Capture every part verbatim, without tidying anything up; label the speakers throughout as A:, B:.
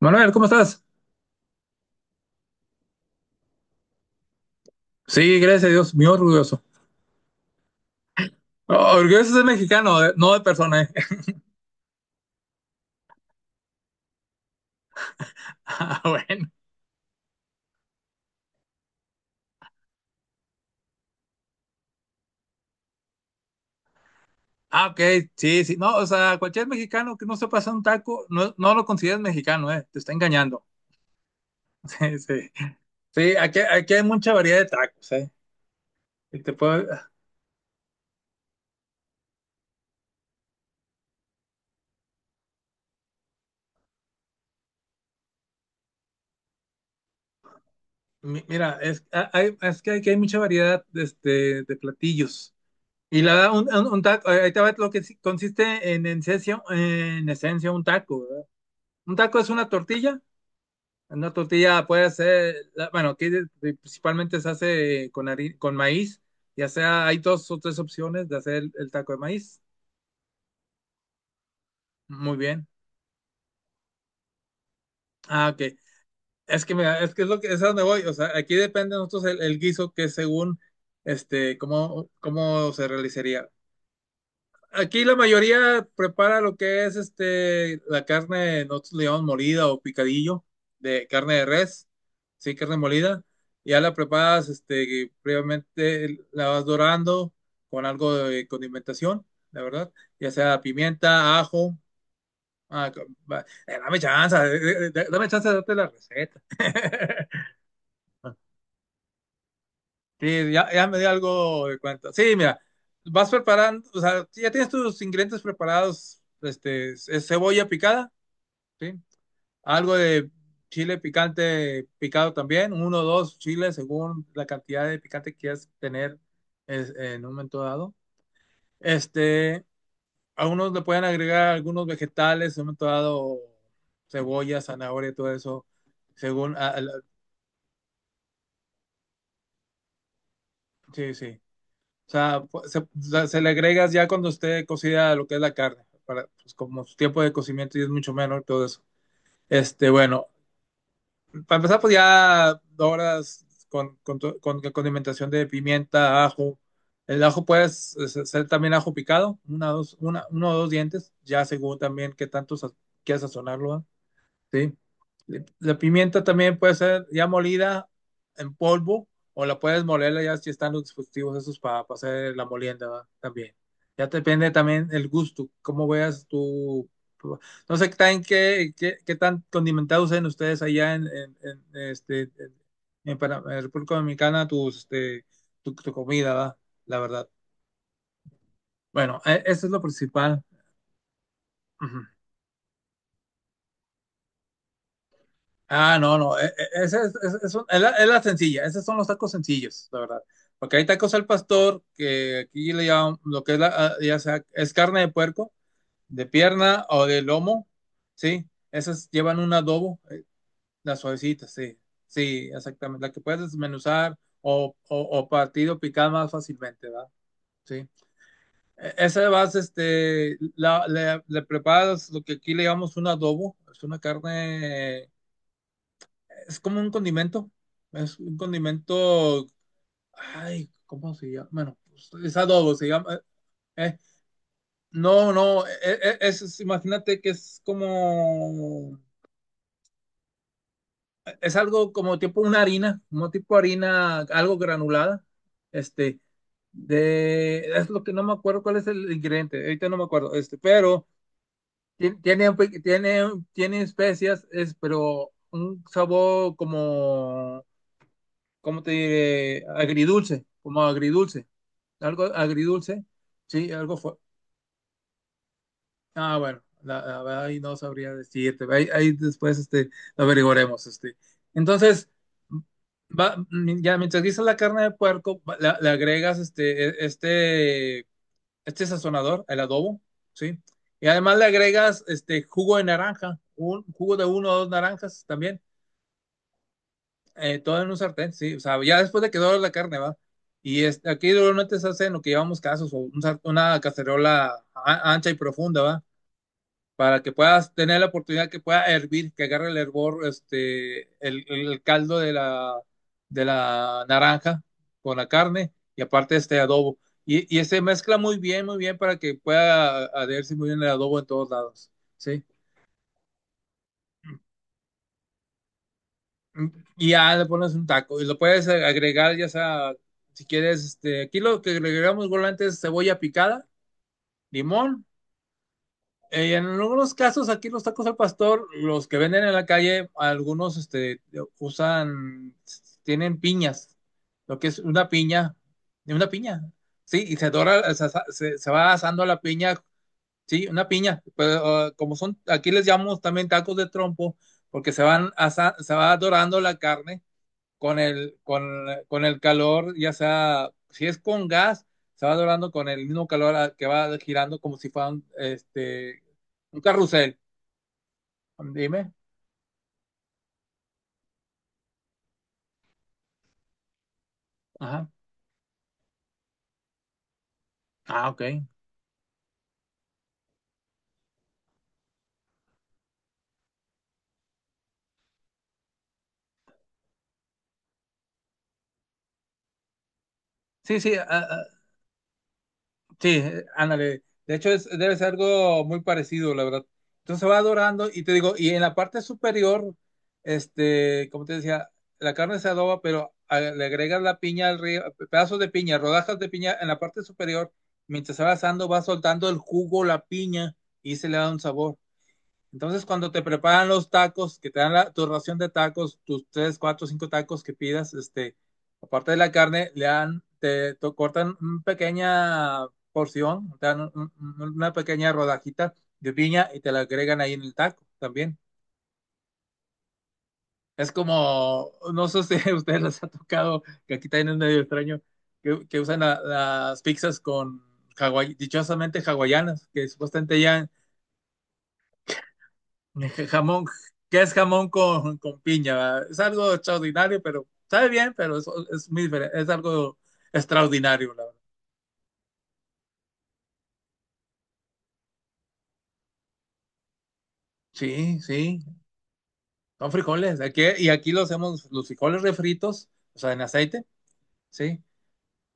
A: Manuel, ¿cómo estás? Sí, gracias a Dios, muy orgulloso. Oh, orgulloso de mexicano, eh, no de persona, eh. Ah, bueno. Ah, ok, sí, sí. No, o sea, cualquier mexicano que no se pasa un taco, no, no lo consideras mexicano, eh. Te está engañando. Sí, sí. Sí, aquí, aquí hay mucha variedad de tacos, eh. Y te puedo- mi- Mira, es, ah, hay- es que aquí hay mucha variedad de, este, de platillos. Y la verdad, un, un- un taco, eh, ahí te va lo que sí- consiste en, en esencia, en esencia un taco, ¿verdad? Un taco es una tortilla. Una tortilla puede ser, la- bueno, aquí de- principalmente se hace con, hari- con maíz, ya sea, hay dos o tres opciones de hacer el, el taco de maíz. Muy bien. Ah, ok. Es que mira, es que es lo que es a donde voy. O sea, aquí depende de nosotros el, el guiso que según este, cómo, cómo se realizaría. Aquí la mayoría prepara lo que es este, la carne, nosotros le llamamos molida o picadillo, de carne de res, sí, carne molida. Ya la preparas, este, previamente la vas dorando con algo de condimentación, la verdad, ya sea pimienta, ajo. Ah, co- va- eh, dame chance, eh, eh, eh, dame chance de darte la receta. Sí, ya, ya me di algo de cuenta. Sí, mira, vas preparando, o sea, si ya tienes tus ingredientes preparados, este, es cebolla picada, ¿sí? Algo de chile picante picado también, uno o dos chiles según la cantidad de picante que quieras tener es- en un momento dado. Este, a unos le pueden agregar algunos vegetales, en un momento dado, cebolla, zanahoria, todo eso, según, a- a- la- sí, sí. O sea, fu- se, se- se le agregas ya cuando esté cocida lo que es la carne, para, pues, como su tiempo de cocimiento y es mucho menos y todo eso. Este, bueno, para empezar, pues ya doras con, con, to- con condimentación de pimienta, ajo. El ajo puedes ser también ajo picado, una, dos, una, uno o dos dientes, ya según también qué tanto sa- quieras sazonarlo, ¿va? ¿Sí? Le- La pimienta también puede ser ya molida en polvo o la puedes molerla ya si están los dispositivos esos para, para hacer la molienda, ¿verdad? También. Ya depende también el gusto, cómo veas tú. No sé qué tan qué, qué, qué tan condimentados sean ustedes allá en, en, en este, en, en Pana- en República Dominicana tus, este, tu, tu comida, ¿verdad? La verdad. Bueno, e- eso es lo principal. Ujú. Ah, no, no, e- e- esa es, es- es un- es la, es la sencilla, esos son los tacos sencillos, la verdad. Porque hay tacos al pastor, que aquí le llaman lo que es la, ah, ya sea, es carne de puerco, de pierna o de lomo, ¿sí? Esas llevan un adobo, eh, las suavecitas, sí, sí, exactamente, la que puedes desmenuzar o, o, o partido picar más fácilmente, ¿verdad? Sí. E- Esa vas, este, la, le, le preparas lo que aquí le llamamos un adobo, es una carne, es como un condimento, es un condimento, ay, ¿cómo se llama? Bueno, pues, es adobo, se llama. Eh, no, no, eh, eh, Es, es- imagínate que es como, es algo como tipo una harina, como tipo harina, algo granulada, este, de, es lo que no me acuerdo cuál es el ingrediente, ahorita no me acuerdo, este, pero ti- tiene, un pe- tiene, tiene especias, es, pero un sabor como ¿cómo te diré? Agridulce, como agridulce, algo agridulce, sí, algo fue. Ah, bueno, la- la verdad ahí no sabría decirte, ahí, ahí después este, lo averiguaremos. Este. Entonces, va- ya mientras guisas la carne de puerco, va- la- le agregas este, e- este, este sazonador, el adobo, ¿sí? Y además le agregas este jugo de naranja, un jugo de uno o dos naranjas también. Eh, todo en un sartén, sí. O sea, ya después de que dora la carne, va. Y es- aquí normalmente se hace en lo que llamamos casos, o un sar- una cacerola a- ancha y profunda, va. Para que puedas tener la oportunidad que pueda hervir, que agarre el hervor, este, el, el caldo de la, de la naranja con la carne y aparte este adobo. Y, y se mezcla muy bien, muy bien para que pueda adherirse muy bien el adobo en todos lados, sí. Mm, y ya le pones un taco y lo puedes agregar, ya sea, si quieres, este, aquí lo que agregamos regularmente es cebolla picada, limón. Eh, en algunos casos, aquí los tacos al pastor, los que venden en la calle, algunos este, usan, tienen piñas, lo que es una piña, eh, una piña, sí, y se dora, se, se- se va asando la piña, sí, una piña, pero, eh, como son, aquí les llamamos también tacos de trompo, porque se van asa- se va dorando la carne con el, con, con el calor, ya sea, si es con gas, se va dorando con el mismo calor a- que va girando como si fuera un, este, un carrusel. Dime. Ajá. Ah, ok. Sí, sí, sí, eh, ándale. De hecho, es, debe ser algo muy parecido, la verdad. Entonces va dorando y te digo, y en la parte superior, este, como te decía, la carne se adoba, pero a- le agregas la piña al río, pedazos de piña, rodajas de piña en la parte superior, mientras se va asando, va soltando el jugo, la piña, y se le da un sabor. Entonces, cuando te preparan los tacos, que te dan la, tu ración de tacos, tus tres, cuatro, cinco tacos que pidas, este, aparte de la carne, le dan, te, te cortan una pequeña porción, te dan un- una pequeña rodajita de piña y te la agregan ahí en el taco también. Es como, no sé si a ustedes les ha tocado, que aquí también es medio extraño, que, que usan la- las pizzas con hawai- dichosamente hawaianas, que supuestamente ya Ja- jamón, ¿qué es jamón con, con piña? ¿va? Es algo extraordinario, pero sabe bien, pero es, es muy diferente, es algo extraordinario, la verdad. Sí, sí, son frijoles. Aquí, y aquí los hacemos, los frijoles refritos, o sea, en aceite, ¿sí?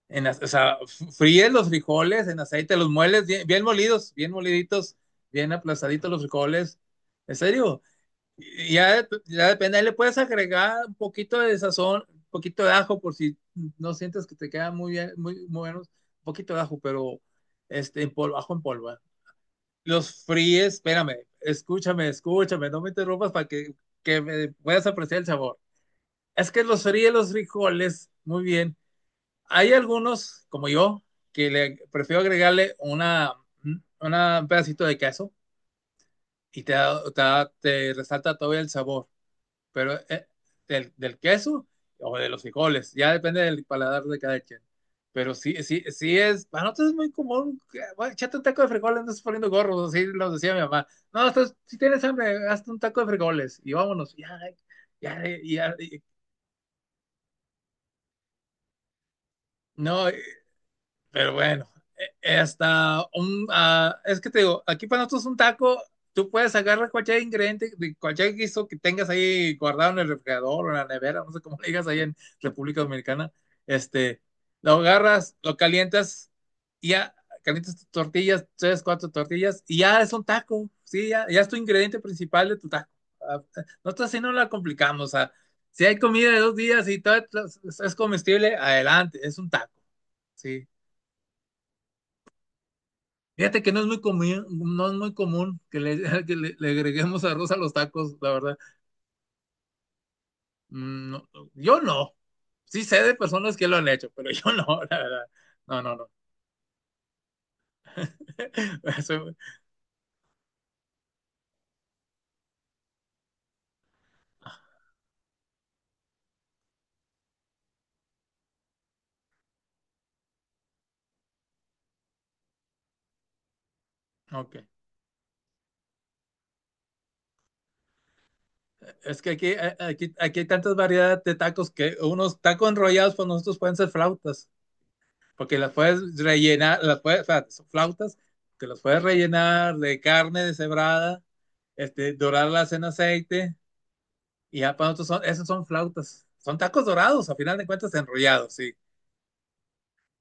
A: En, ace- o sea, f- fríes los frijoles en aceite, los mueles bien, bien molidos, bien moliditos, bien aplastaditos los frijoles. ¿En serio? Y ya, de tu- ya depende, ahí le puedes agregar un poquito de sazón, un poquito de ajo por si no sientes que te quedan muy bien, muy, muy buenos, un poquito de ajo, pero este, en polvo, ajo en polvo. ¿Eh? Los fríes, espérame, escúchame, escúchame, no me interrumpas para que, que me puedas apreciar el sabor. Es que los fríes los frijoles, muy bien. Hay algunos, como yo, que le prefiero agregarle una, una un pedacito de queso y te, da- te da- te resalta todavía el sabor. Pero eh, del, del, queso o de los frijoles, ya depende del paladar de cada quien. Pero sí, sí, sí es, para nosotros es muy común, que, bueno, échate un taco de frijoles, no estás poniendo gorros, así nos decía mi mamá. No, estás, si tienes hambre, hazte un taco de frijoles y vámonos, ya, ya, ya, ya. no, eh, Pero bueno, hasta un, uh, es que te digo, aquí para nosotros un taco, tú puedes agarrar cualquier ingrediente, cualquier guiso que tengas ahí guardado en el refrigerador o en la nevera, no sé cómo le digas ahí en República Dominicana, este, lo agarras, lo calientas, y ya calientas tus tortillas, tres, cuatro tortillas, y ya es un taco, sí, ya, ya es tu ingrediente principal de tu taco. Ah, nosotros así no la complicamos, o sea, si hay comida de dos días y todo es comestible, adelante, es un taco, sí. Fíjate que no es muy común, no es muy común que le, que le, le agreguemos arroz a los tacos, la verdad. Mm, no, yo no. Sí sé de personas que lo han hecho, pero yo no, la verdad. No, no, no. Eso- ok. Es que aquí, a- aquí, aquí hay tantas variedades de tacos que unos tacos enrollados para nosotros pueden ser flautas, porque las puedes rellenar, las puedes, o sea, son flautas, que las puedes rellenar de carne deshebrada, este, dorarlas en aceite. Y ya para nosotros son, esos son flautas. Son tacos dorados, a final de cuentas enrollados, sí.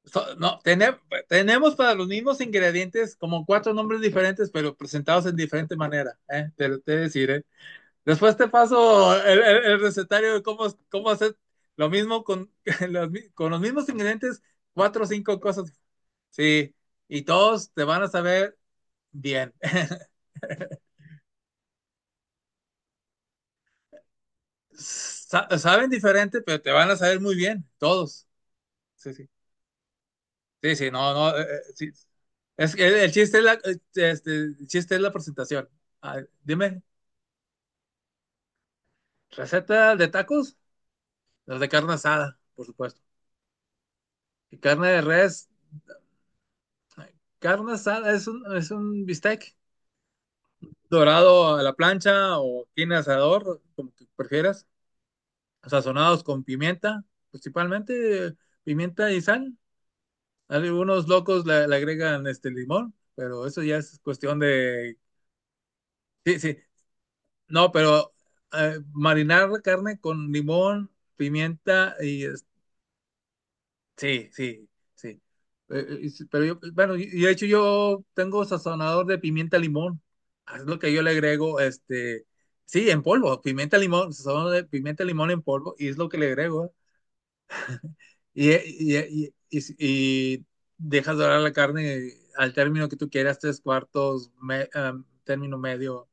A: So- no, tene- Tenemos para los mismos ingredientes como cuatro nombres diferentes, pero presentados en diferente manera, ¿eh? Te lo te decir, ¿eh? Después te paso el, el- el recetario de cómo, cómo hacer lo mismo con los, con los mismos ingredientes, cuatro o cinco cosas. Sí, y todos te van a saber bien. Sa- saben diferente, pero te van a saber muy bien, todos. Sí, sí. Sí, sí, no, no. Eh, eh, sí. Es que el, el chiste es la, eh, este, el chiste es la presentación. Ah, dime, ¿receta de tacos? Los de carne asada, por supuesto. Y carne de res. Eh, carne asada es un, es un bistec dorado a la plancha o tiene asador, como tú prefieras. Sazonados con pimienta, principalmente eh, pimienta y sal. Algunos locos le, le agregan este limón, pero eso ya es cuestión de... Sí, sí, no, pero eh, marinar la carne con limón, pimienta y es- sí, sí, sí. Eh, eh, sí, pero yo, bueno, y y de hecho yo tengo sazonador de pimienta limón. Es lo que yo le agrego, este, sí, en polvo, pimienta limón, sazonador de pimienta limón en polvo y es lo que le agrego. Y, y, y, y, y dejas dorar la carne al término que tú quieras, tres cuartos, me- ah, término medio.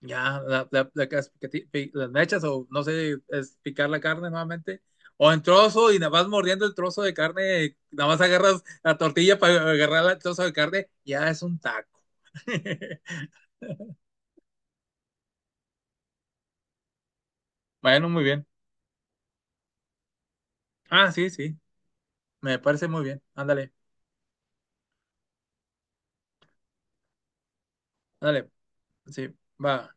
A: Ya, la, la, la cas- que ti- pi- las mechas o no sé, es picar la carne nuevamente. O en trozo y nada más mordiendo el trozo de carne, nada más agarras la tortilla para agarrar el trozo de carne, ya es un taco. Bueno, muy bien. Ah, sí, sí, me parece muy bien. Ándale, ándale. Sí, va.